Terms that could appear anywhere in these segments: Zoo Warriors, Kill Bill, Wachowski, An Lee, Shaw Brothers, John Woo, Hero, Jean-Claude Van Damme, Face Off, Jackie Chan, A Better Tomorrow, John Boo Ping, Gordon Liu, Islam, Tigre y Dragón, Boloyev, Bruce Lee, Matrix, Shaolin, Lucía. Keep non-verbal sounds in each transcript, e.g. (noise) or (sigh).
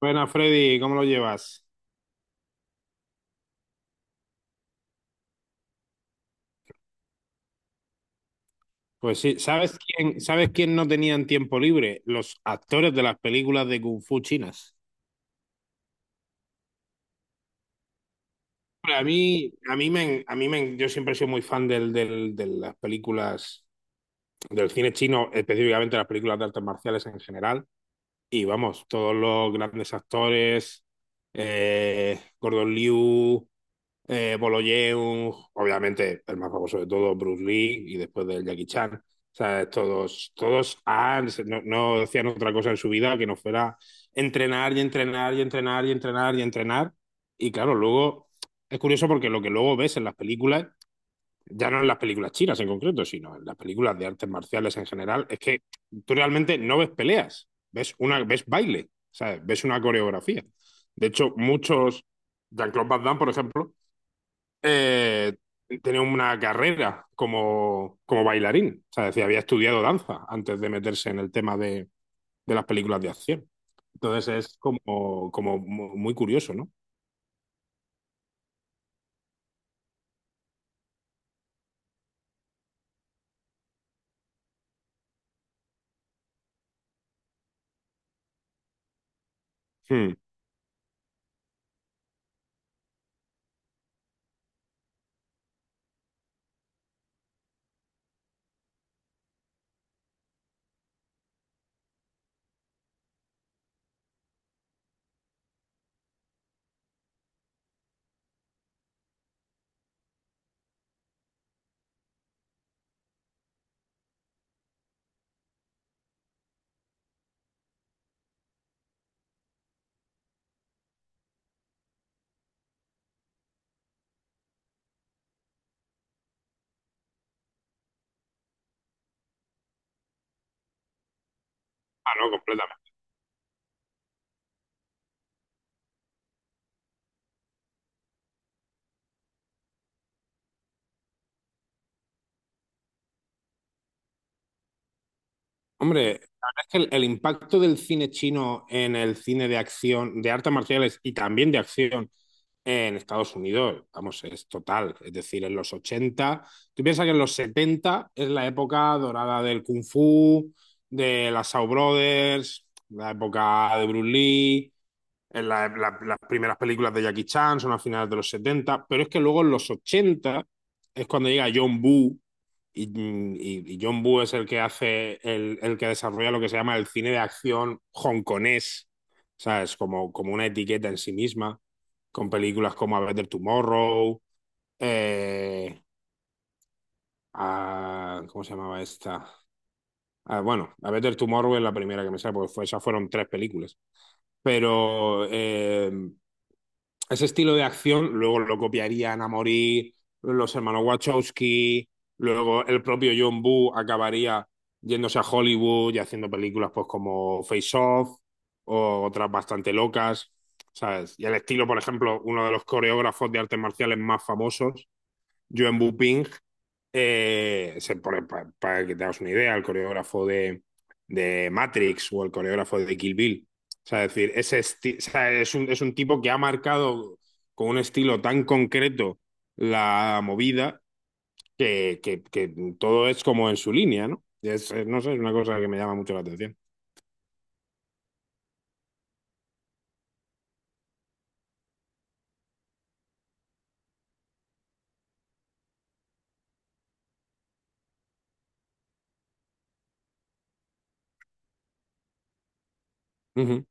Buenas, Freddy, ¿cómo lo llevas? Pues sí, ¿sabes quién no tenían tiempo libre? Los actores de las películas de Kung Fu chinas. Hombre, yo siempre he sido muy fan de las películas, del cine chino, específicamente las películas de artes marciales en general. Y vamos, todos los grandes actores, Gordon Liu, Boloyev, obviamente el más famoso de todos, Bruce Lee, y después del Jackie Chan. O sea, todos, todos han, no, no hacían otra cosa en su vida que no fuera entrenar y entrenar y entrenar y entrenar y entrenar. Y claro, luego es curioso porque lo que luego ves en las películas, ya no en las películas chinas en concreto, sino en las películas de artes marciales en general, es que tú realmente no ves peleas, ves, una, ves baile, ¿sabes? Ves una coreografía. De hecho, muchos, Jean-Claude Van Damme, por ejemplo, eh, tenía una carrera como, como bailarín. O sea, decía, había estudiado danza antes de meterse en el tema de las películas de acción. Entonces es como, muy curioso, ¿no? Hmm. Ah, no, hombre, la verdad es que el impacto del cine chino en el cine de acción, de artes marciales y también de acción en Estados Unidos, vamos, es total. Es decir, en los 80. Tú piensas que en los 70 es la época dorada del Kung Fu, de las Shaw Brothers, la época de Bruce Lee en las primeras películas de Jackie Chan son a finales de los setenta, pero es que luego en los 80 es cuando llega John Woo y, y John Woo es el que hace, el que desarrolla lo que se llama el cine de acción hongkonés, ¿sabes? Como, como una etiqueta en sí misma, con películas como A Better Tomorrow, eh, ¿cómo se llamaba esta? Ah, bueno, A Better Tomorrow es la primera que me sale, porque fue, esas fueron tres películas. Pero ese estilo de acción luego lo copiarían a morir los hermanos Wachowski, luego el propio John Woo acabaría yéndose a Hollywood y haciendo películas pues como Face Off o otras bastante locas, ¿sabes? Y el estilo, por ejemplo, uno de los coreógrafos de artes marciales más famosos, John Boo Ping, se pone, para que te hagas una idea, el coreógrafo de Matrix o el coreógrafo de Kill Bill. O sea, es decir, o sea, es un tipo que ha marcado con un estilo tan concreto la movida que, que todo es como en su línea, ¿no? Es, no sé, es una cosa que me llama mucho la atención. Ujú.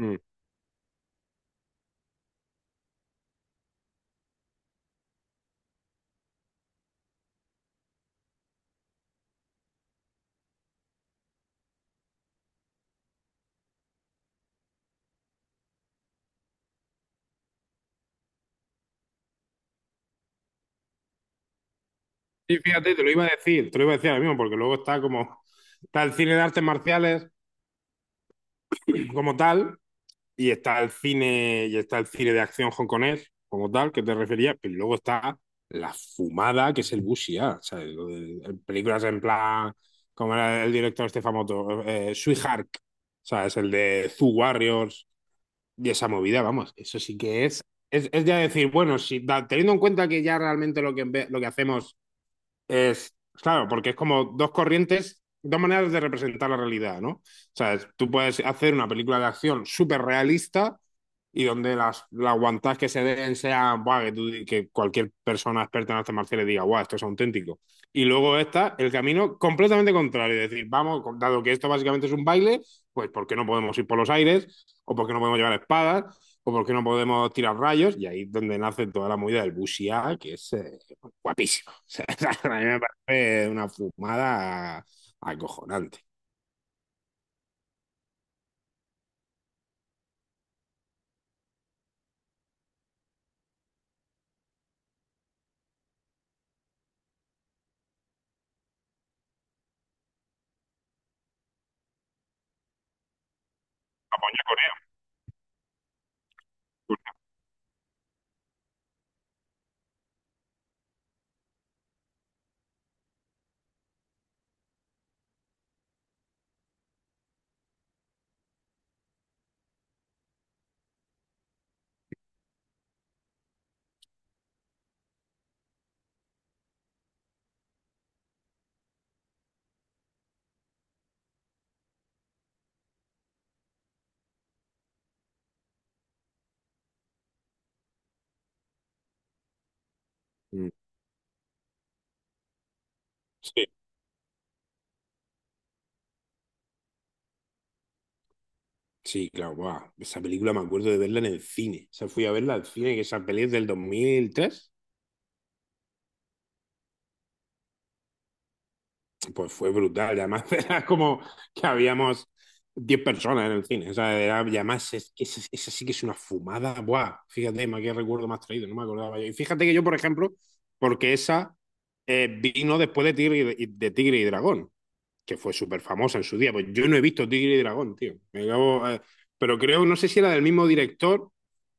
Mm. Sí, fíjate, te lo iba a decir, te lo iba a decir ahora mismo, porque luego está como, está el cine de artes marciales como tal, y está el cine, y está el cine de acción hongkonés, como tal, que te refería, pero luego está la fumada, que es el Bushia, ¿sabes? Lo películas en plan, como era el director este famoso, Sweetheart, ¿sabes? El de Zoo Warriors y esa movida, vamos, eso sí que es ya decir, bueno, si da- teniendo en cuenta que ya realmente lo que, lo que hacemos es, claro, porque es como dos corrientes, dos maneras de representar la realidad, ¿no? O sea, tú puedes hacer una película de acción súper realista y donde las guantás que se den sean, "Buah", que, que cualquier persona experta en artes marciales diga, guau, esto es auténtico. Y luego está el camino completamente contrario, es decir, vamos, dado que esto básicamente es un baile, pues ¿por qué no podemos ir por los aires? ¿O por qué no podemos llevar espadas? ¿O por qué no podemos tirar rayos? Y ahí es donde nace toda la movida del wuxia, que es, guapísimo. (laughs) O sea, a mí me parece una fumada acojonante. Mm. Sí, sí, claro, guau. Esa película me acuerdo de verla en el cine. O sea, fui a verla al cine, que esa peli es del 2003, pues fue brutal. Y además, (laughs) era como que habíamos 10 personas en el cine. O sea, era, y además, es, que esa sí que es una fumada, guau. Fíjate, ma, qué recuerdo más traído, no me acordaba yo. Y fíjate que yo, por ejemplo, porque esa vino después de Tigre y, de Tigre y Dragón. Que fue súper famosa en su día. Pues yo no he visto Tigre y Dragón, tío. Me acabo, pero creo, no sé si era del mismo director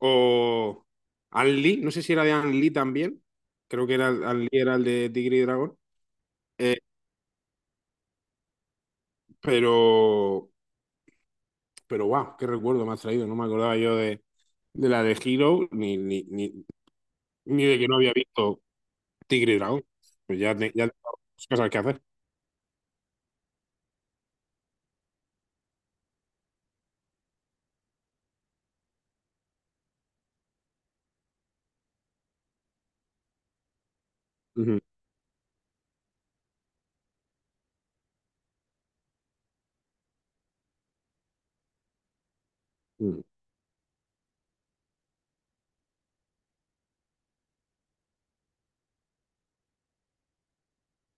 o An Lee, no sé si era de An Lee también. Creo que era An Lee era el de Tigre y Dragón. Eh, pero, pero wow, qué recuerdo me has traído. No me acordaba yo de la de Hero ni de que no había visto Tigre y Dragón. Pues ya, ya tengo muchas cosas que hacer. Ujú, ujú,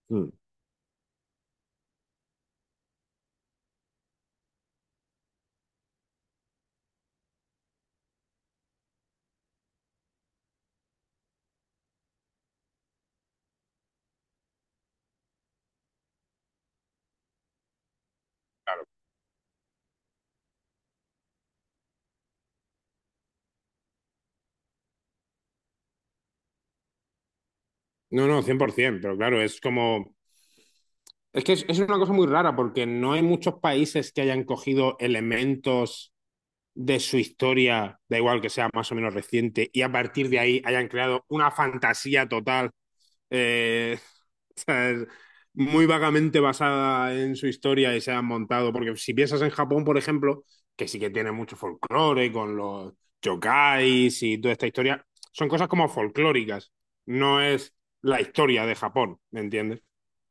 ujú. No, no, 100%, pero claro, es como... Es que es una cosa muy rara porque no hay muchos países que hayan cogido elementos de su historia, da igual que sea más o menos reciente, y a partir de ahí hayan creado una fantasía total eh, (laughs) O sea, es muy vagamente basada en su historia y se han montado. Porque si piensas en Japón, por ejemplo, que sí que tiene mucho folclore con los yokais y toda esta historia, son cosas como folclóricas. No es la historia de Japón, ¿me entiendes?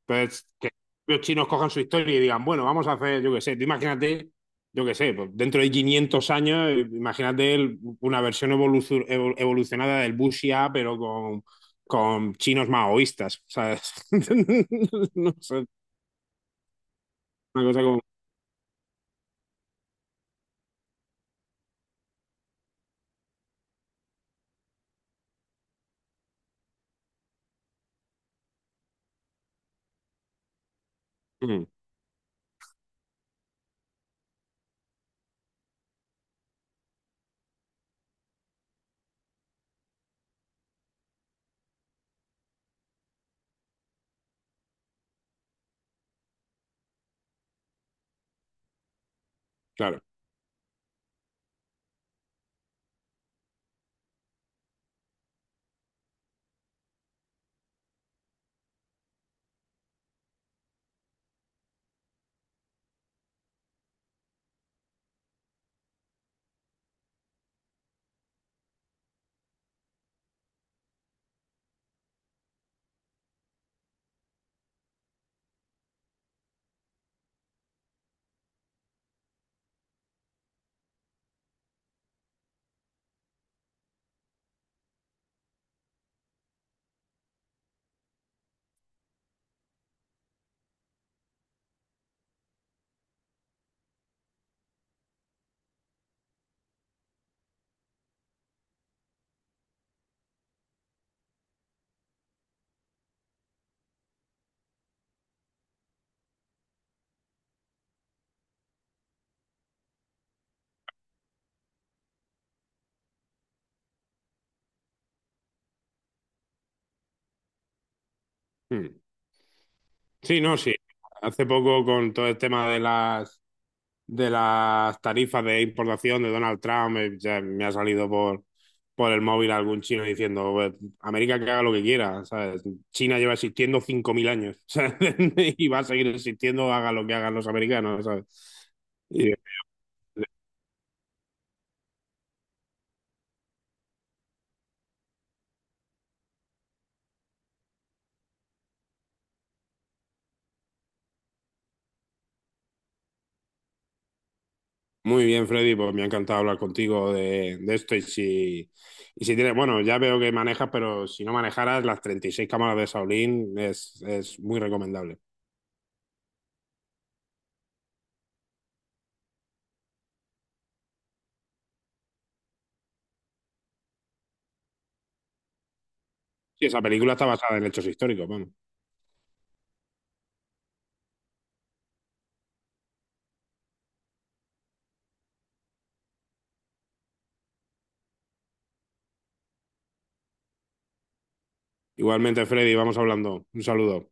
Entonces, que los chinos cojan su historia y digan, bueno, vamos a hacer, yo qué sé, tú imagínate, yo qué sé, pues dentro de 500 años, imagínate una versión evolucionada del Wuxia, pero con chinos maoístas, ¿sabes? (laughs) No sé, una cosa como... Mm, claro. Mm. Sí, no, sí. Hace poco con todo el tema de las tarifas de importación de Donald Trump, ya me ha salido por el móvil algún chino diciendo, "Pues, América que haga lo que quiera, ¿sabes? China lleva existiendo 5000 años, ¿sabes? (laughs) Y va a seguir existiendo, haga lo que hagan los americanos, ¿sabes? Y, muy bien, Freddy, pues me ha encantado hablar contigo de esto. Y si tienes, bueno, ya veo que manejas, pero si no manejaras, las 36 cámaras de Shaolin es muy recomendable. Sí, esa película está basada en hechos históricos, bueno. Igualmente, Freddy, vamos hablando. Un saludo.